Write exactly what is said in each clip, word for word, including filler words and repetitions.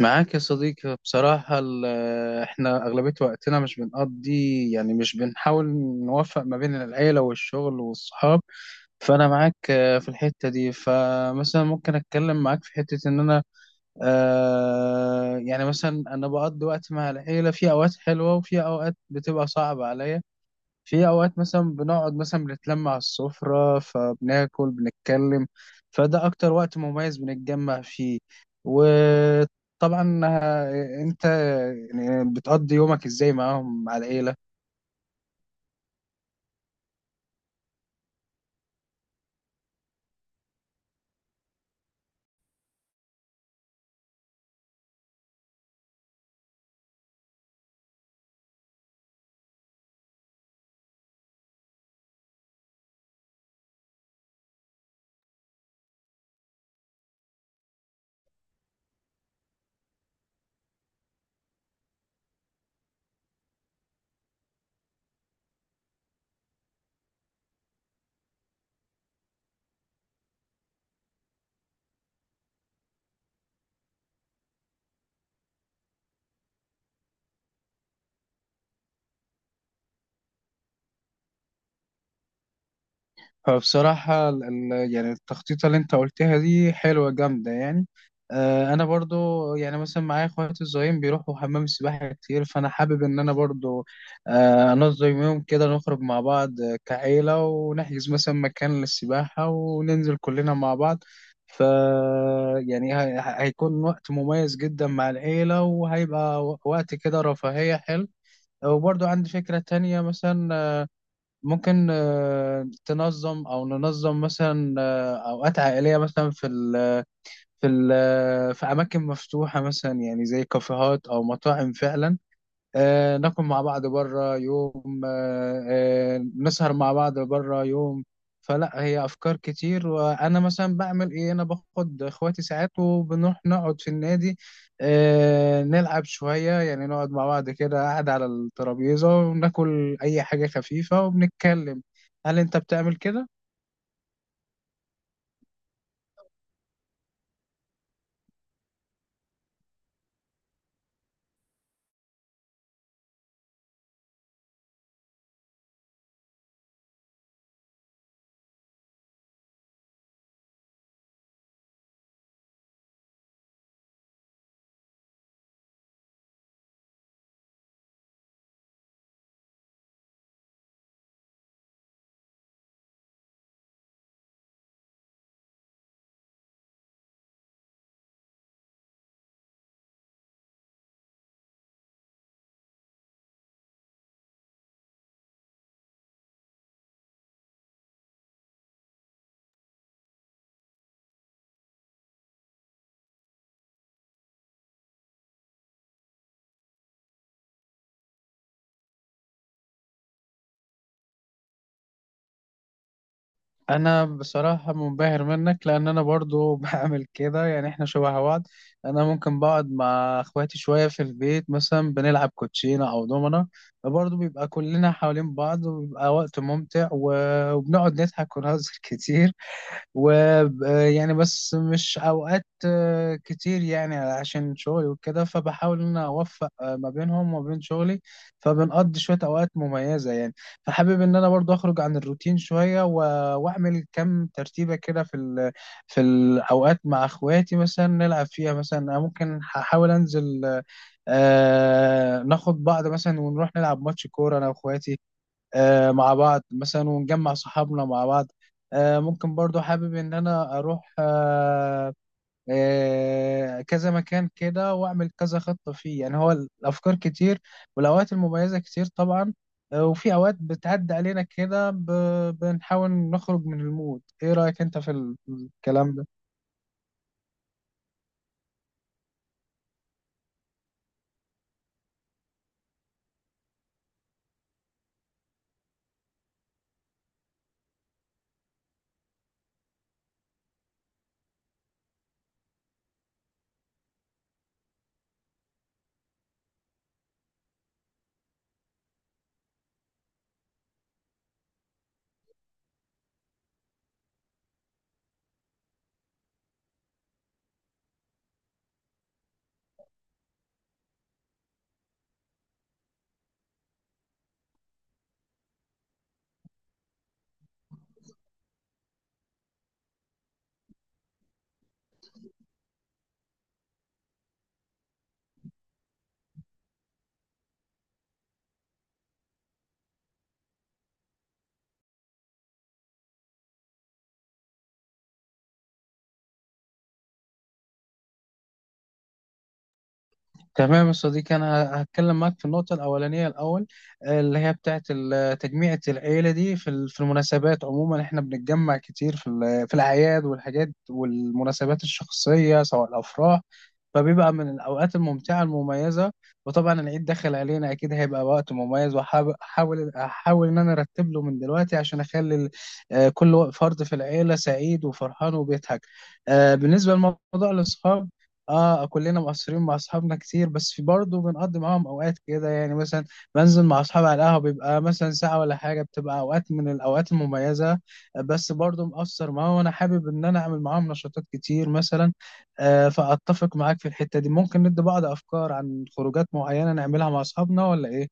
معاك يا صديقي، بصراحة ال- احنا أغلبية وقتنا مش بنقضي، يعني مش بنحاول نوفق ما بين العيلة والشغل والصحاب. فأنا معاك آه، في الحتة دي. فمثلا ممكن أتكلم معاك في حتة إن أنا آه يعني مثلا أنا بقضي وقت مع العيلة في أوقات حلوة وفي أوقات بتبقى صعبة عليا. في اوقات مثلا بنقعد، مثلا بنتلم على السفرة فبناكل بنتكلم، فده اكتر وقت مميز بنتجمع فيه. وطبعا آه، انت يعني بتقضي يومك ازاي معاهم مع العيلة؟ فبصراحة ال- ال- يعني التخطيطة اللي انت قلتها دي حلوة جامدة يعني. آه، انا برضو يعني مثلا معايا اخواتي الصغيرين بيروحوا حمام السباحة كتير، فانا حابب ان انا برضو آه، انظم يوم كده نخرج مع بعض آه، كعيلة، ونحجز مثلا مكان للسباحة وننزل كلنا مع بعض. ف يعني هي- هيكون وقت مميز جدا مع العيلة، وهيبقى وقت كده رفاهية حلو. وبرضو عندي فكرة تانية مثلا، ممكن آه، تنظم او ننظم مثلا آه، اوقات عائليه مثلا في ال في ال آه، في اماكن مفتوحه مثلا، يعني زي كافيهات او مطاعم فعلا، آه، ناكل مع بعض بره يوم، آه، آه، نسهر مع بعض بره يوم. فلا هي افكار كتير، وانا مثلا بعمل ايه؟ انا باخد اخواتي ساعات وبنروح نقعد في النادي آه، نلعب شوية، يعني نقعد مع بعض كده قاعد على الترابيزة وناكل اي حاجة خفيفة وبنتكلم. هل انت بتعمل كده؟ انا بصراحة منبهر منك، لان انا برضو بعمل كده. يعني احنا شبه بعض. انا ممكن بقعد مع اخواتي شوية في البيت مثلا بنلعب كوتشينة او دومنة، برضو بيبقى كلنا حوالين بعض وبيبقى وقت ممتع و- وبنقعد نضحك ونهزر كتير. ويعني بس مش اوقات آه، كتير، يعني عشان شغلي وكده، فبحاول ان انا اوفق آه، ما بينهم وما بين شغلي، فبنقضي شوية اوقات مميزة يعني. فحابب ان انا برضو اخرج عن الروتين شوية و- واعمل كم ترتيبة كده في ال... في الاوقات مع اخواتي، مثلا نلعب فيها. مثلا أنا ممكن هحاول انزل آه، ناخد بعض مثلا ونروح نلعب ماتش كورة انا واخواتي آه، مع بعض، مثلا ونجمع صحابنا مع بعض. آه، ممكن برضو حابب ان انا اروح آه، آه، كذا مكان كده واعمل كذا خطة فيه. يعني هو الافكار كتير والاوقات المميزة كتير طبعا. آه، وفي اوقات بتعدي علينا كده ب- بنحاول نخرج من المود. ايه رأيك انت في ال- في الكلام ده؟ تمام يا صديقي، انا هتكلم معاك في النقطه الاولانيه الاول، آه، اللي هي بتاعه ال- تجميعة العيله دي في ال- في المناسبات. عموما احنا بنتجمع كتير في ال- في الاعياد والحاجات والمناسبات الشخصيه سواء الافراح، فبيبقى من الاوقات الممتعه المميزه. وطبعا العيد داخل علينا، اكيد هيبقى وقت مميز، وهحاول احاول أحاول ان انا ارتب له من دلوقتي عشان اخلي ال- آه، كل فرد في العيله سعيد وفرحان وبيضحك. آه، بالنسبه لموضوع الاصحاب، اه كلنا مقصرين مع اصحابنا كتير، بس في برضه بنقضي معاهم اوقات كده، يعني مثلا بنزل مع اصحابي على القهوه بيبقى مثلا ساعه ولا حاجه، بتبقى اوقات من الاوقات المميزه. بس برضه مقصر معاهم، وانا حابب ان انا اعمل معاهم نشاطات كتير مثلا. آه فاتفق معاك في الحته دي. ممكن ندي بعض افكار عن خروجات معينه نعملها مع اصحابنا ولا ايه؟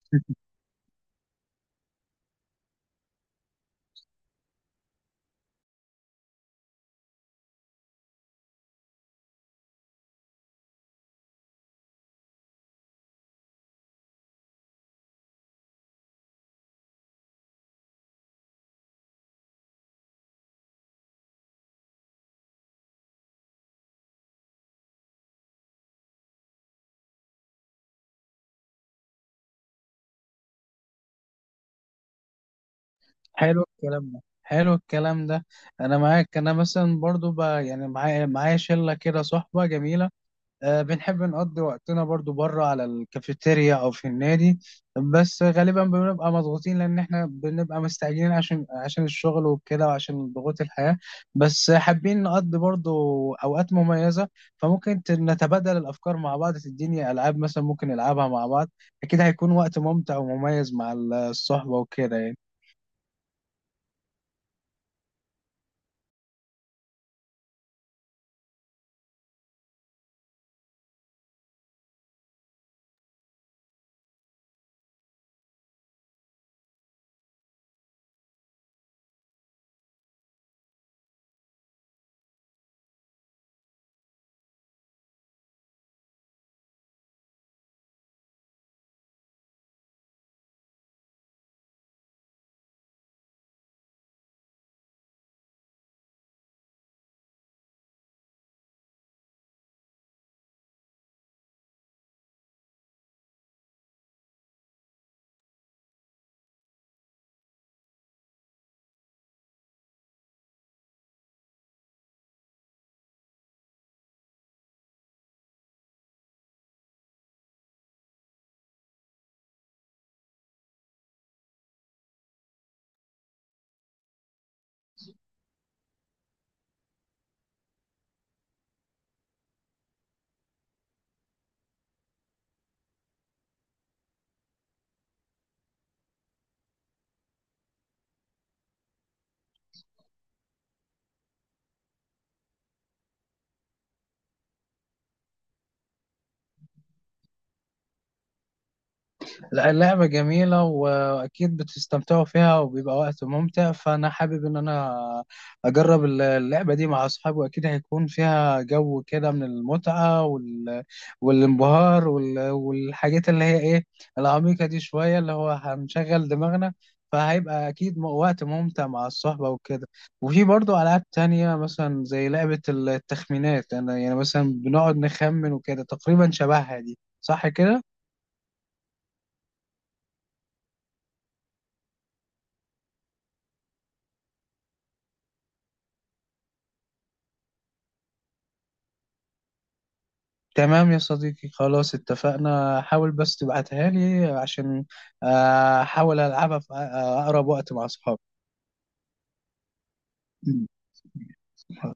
حلو الكلام ده. حلو الكلام ده. انا معاك. انا مثلا برضو ب... يعني معايا معايا شله كده صحبه جميله، آه، بنحب نقضي وقتنا برضو بره على الكافيتيريا او في النادي. بس غالبا بنبقى مضغوطين لان احنا بنبقى مستعجلين عشان عشان الشغل وكده وعشان ضغوط الحياة. بس حابين نقضي برضو اوقات مميزة. فممكن ت- نتبادل الافكار مع بعض، تديني العاب مثلا ممكن نلعبها مع بعض، اكيد هيكون وقت ممتع ومميز مع الصحبة وكده يعني. لا اللعبة جميلة، وأكيد بتستمتعوا فيها وبيبقى وقت ممتع. فأنا حابب إن أنا أجرب اللعبة دي مع أصحابي، وأكيد هيكون فيها جو كده من المتعة وال... والانبهار وال... والحاجات اللي هي إيه، العميقة دي شوية، اللي هو هنشغل دماغنا، فهيبقى أكيد م- وقت ممتع مع الصحبة وكده. وفي برضو ألعاب تانية مثلا زي لعبة التخمينات، أنا يعني مثلا بنقعد نخمن وكده، تقريبا شبهها دي، صح كده؟ تمام يا صديقي، خلاص اتفقنا. حاول بس تبعتها لي عشان آه، احاول العبها في آه، اقرب وقت مع اصحابي.